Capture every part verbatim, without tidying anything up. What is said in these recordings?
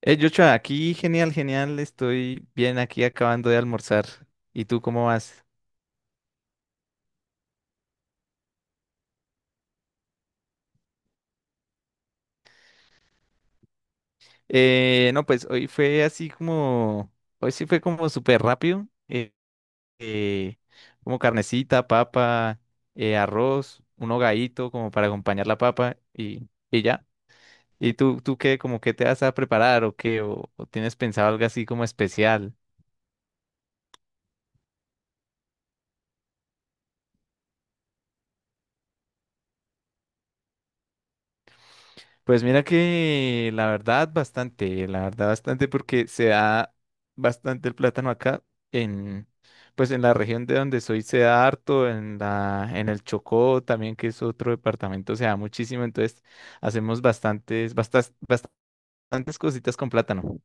Eh, Joshua, aquí genial, genial, estoy bien aquí acabando de almorzar. ¿Y tú cómo vas? Eh, no, pues hoy fue así como, hoy sí fue como súper rápido, eh, eh, como carnecita, papa, eh, arroz, un hogadito como para acompañar la papa y, y ya. ¿Y tú, tú qué, como qué te vas a preparar o qué? ¿O, o tienes pensado algo así como especial? Pues mira que la verdad bastante, la verdad bastante porque se da bastante el plátano acá en pues en la región de donde soy se da harto, en la en el Chocó también que es otro departamento se da muchísimo, entonces hacemos bastantes bastas- bastantes cositas con plátano.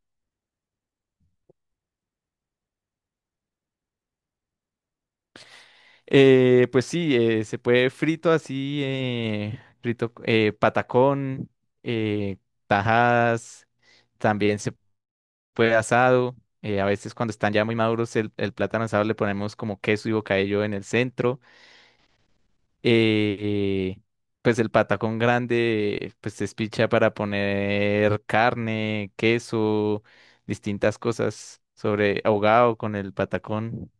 Eh, pues sí, eh, se puede frito así, eh, frito eh, patacón, eh, tajadas, también se puede asado. Eh, a veces cuando están ya muy maduros el, el plátano asado le ponemos como queso y bocadillo en el centro. eh, eh, pues el patacón grande eh, pues se espicha para poner carne, queso, distintas cosas sobre ahogado con el patacón.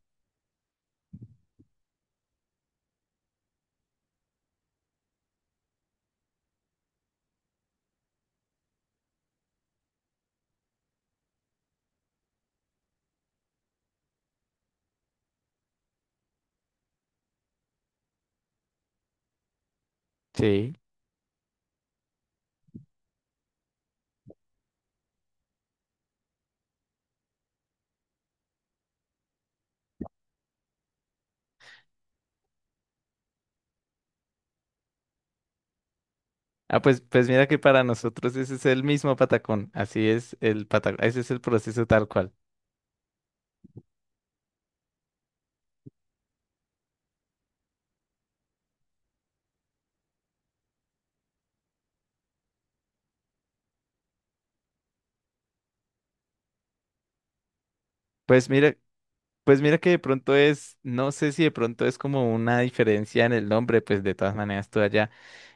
Sí. Ah, pues, pues mira que para nosotros ese es el mismo patacón. Así es el patacón. Ese es el proceso tal cual. Pues mira, pues mira que de pronto es, no sé si de pronto es como una diferencia en el nombre, pues de todas maneras todo allá.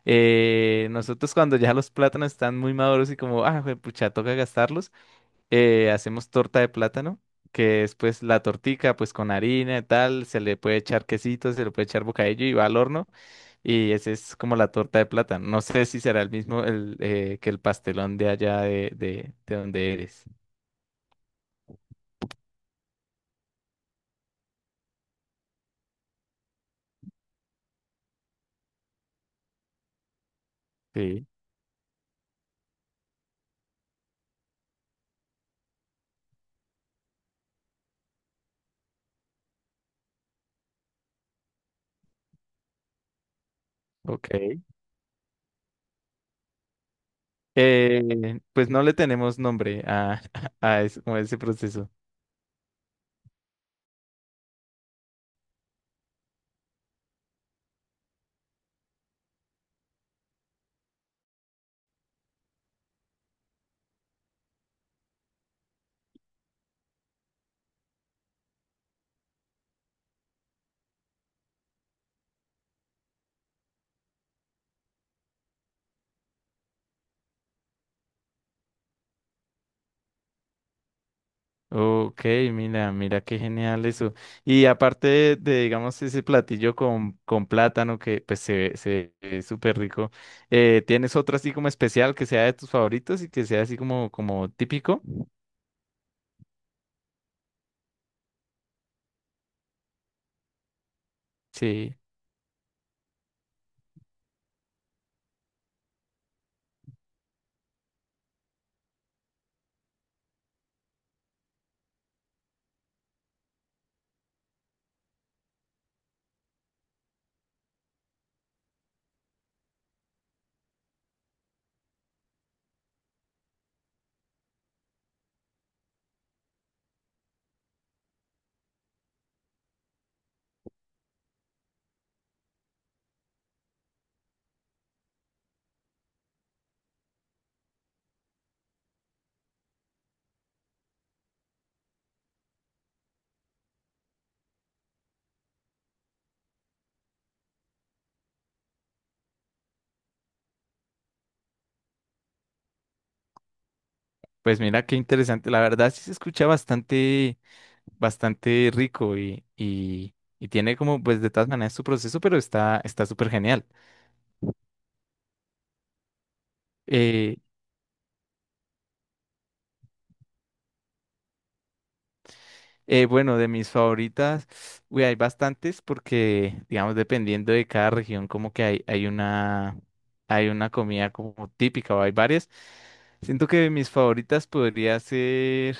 Eh, nosotros cuando ya los plátanos están muy maduros y como, ah, pucha, toca gastarlos, eh, hacemos torta de plátano, que es pues la tortica, pues con harina y tal, se le puede echar quesito, se le puede echar bocadillo y va al horno y esa es como la torta de plátano. No sé si será el mismo el, eh, que el pastelón de allá de, de, de donde eres. Sí, ok. Eh, pues no le tenemos nombre a, a, es- como a ese proceso. Ok, mira, mira qué genial eso. Y aparte de, de, digamos, ese platillo con, con plátano que pues se, se ve súper rico, eh, ¿tienes otro así como especial que sea de tus favoritos y que sea así como, como típico? Sí, pues mira qué interesante. La verdad sí se escucha bastante, bastante rico y, y, y tiene como pues de todas maneras su proceso, pero está, está súper genial. Eh, Eh, bueno, de mis favoritas, uy, hay bastantes porque, digamos, dependiendo de cada región, como que hay, hay una, hay una comida como típica o hay varias. Siento que de mis favoritas podría ser,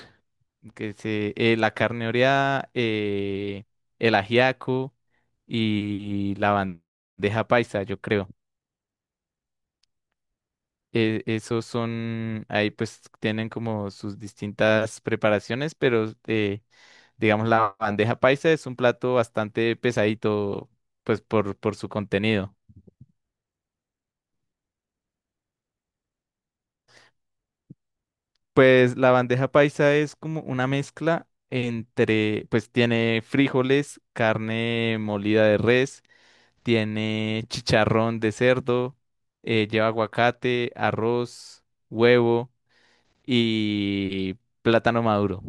que sé, eh, la carne oreada, eh, el ajiaco y la bandeja paisa, yo creo. Eh, esos son, ahí pues tienen como sus distintas preparaciones, pero… Eh, Digamos, la bandeja paisa es un plato bastante pesadito, pues por, por su contenido. Pues la bandeja paisa es como una mezcla entre, pues tiene frijoles, carne molida de res, tiene chicharrón de cerdo, eh, lleva aguacate, arroz, huevo y plátano maduro.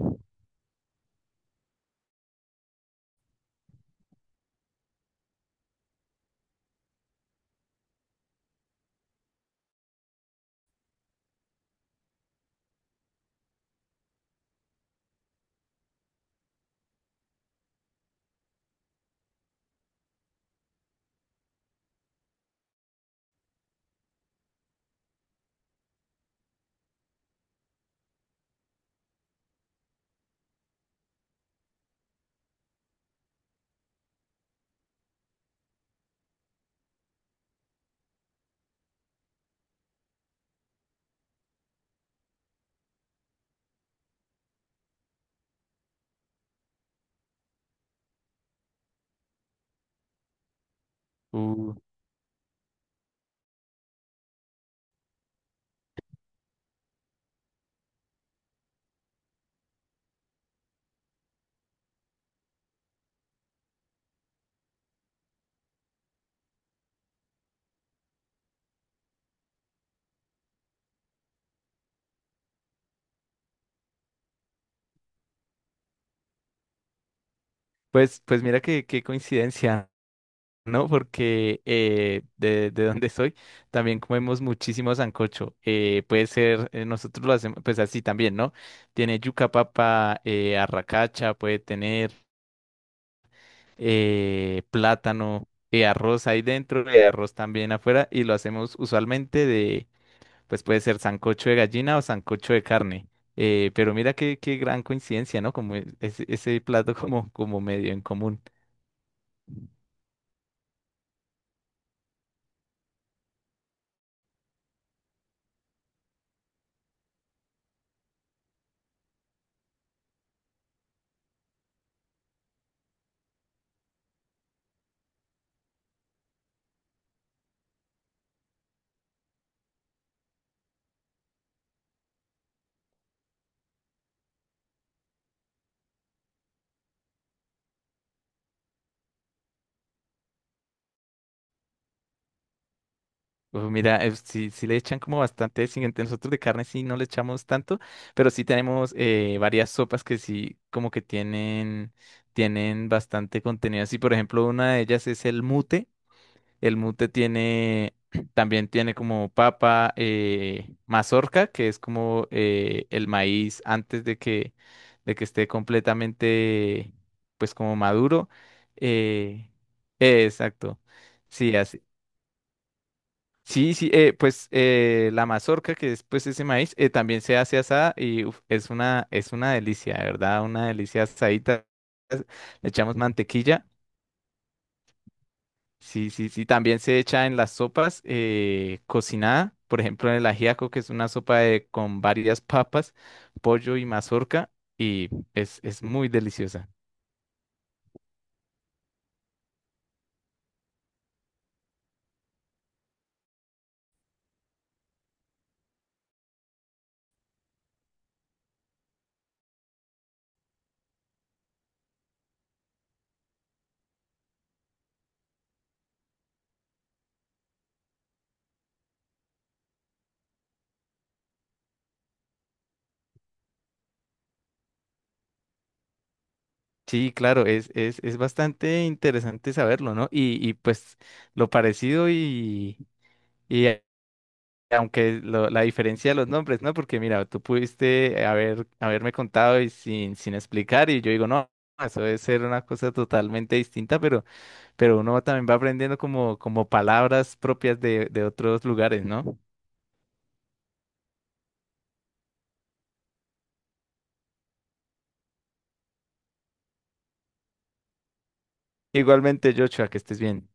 Uh, pues, pues mira qué, qué coincidencia. ¿No? Porque eh, de, de donde soy también comemos muchísimo sancocho. Eh, puede ser, eh, nosotros lo hacemos pues así también, ¿no? Tiene yuca papa, eh, arracacha, puede tener eh, plátano, eh, arroz ahí dentro y arroz también afuera y lo hacemos usualmente de, pues puede ser sancocho de gallina o sancocho de carne. Eh, pero mira qué, qué gran coincidencia, ¿no? Como e- ese, ese plato como, como medio en común. Uf, mira, eh, sí, sí le echan como bastante, sí, ent- nosotros de carne sí no le echamos tanto, pero sí tenemos eh, varias sopas que sí como que tienen, tienen bastante contenido. Así, por ejemplo, una de ellas es el mute. El mute tiene, también tiene como papa, eh, mazorca, que es como eh, el maíz antes de que, de que esté completamente, pues como maduro. Eh, eh, exacto. Sí, sí, sí, eh, pues eh, la mazorca, que es pues ese maíz, eh, también se hace asada y uf, es una, es una delicia, de ¿verdad? Una delicia asadita. Le echamos mantequilla. Sí, sí, sí. También se echa en las sopas eh, cocinada, por ejemplo, en el ajiaco, que es una sopa de- con varias papas, pollo y mazorca, y es, es muy deliciosa. Sí, claro, es, es, es bastante interesante saberlo, ¿no? Y, y pues lo parecido y… y aunque lo- la diferencia de los nombres, ¿no? Porque mira, tú pudiste haber, haberme contado y sin, sin explicar y yo digo, no, eso debe ser una cosa totalmente distinta, pero, pero uno también va aprendiendo como, como palabras propias de, de otros lugares, ¿no? Igualmente, Joshua, que estés bien.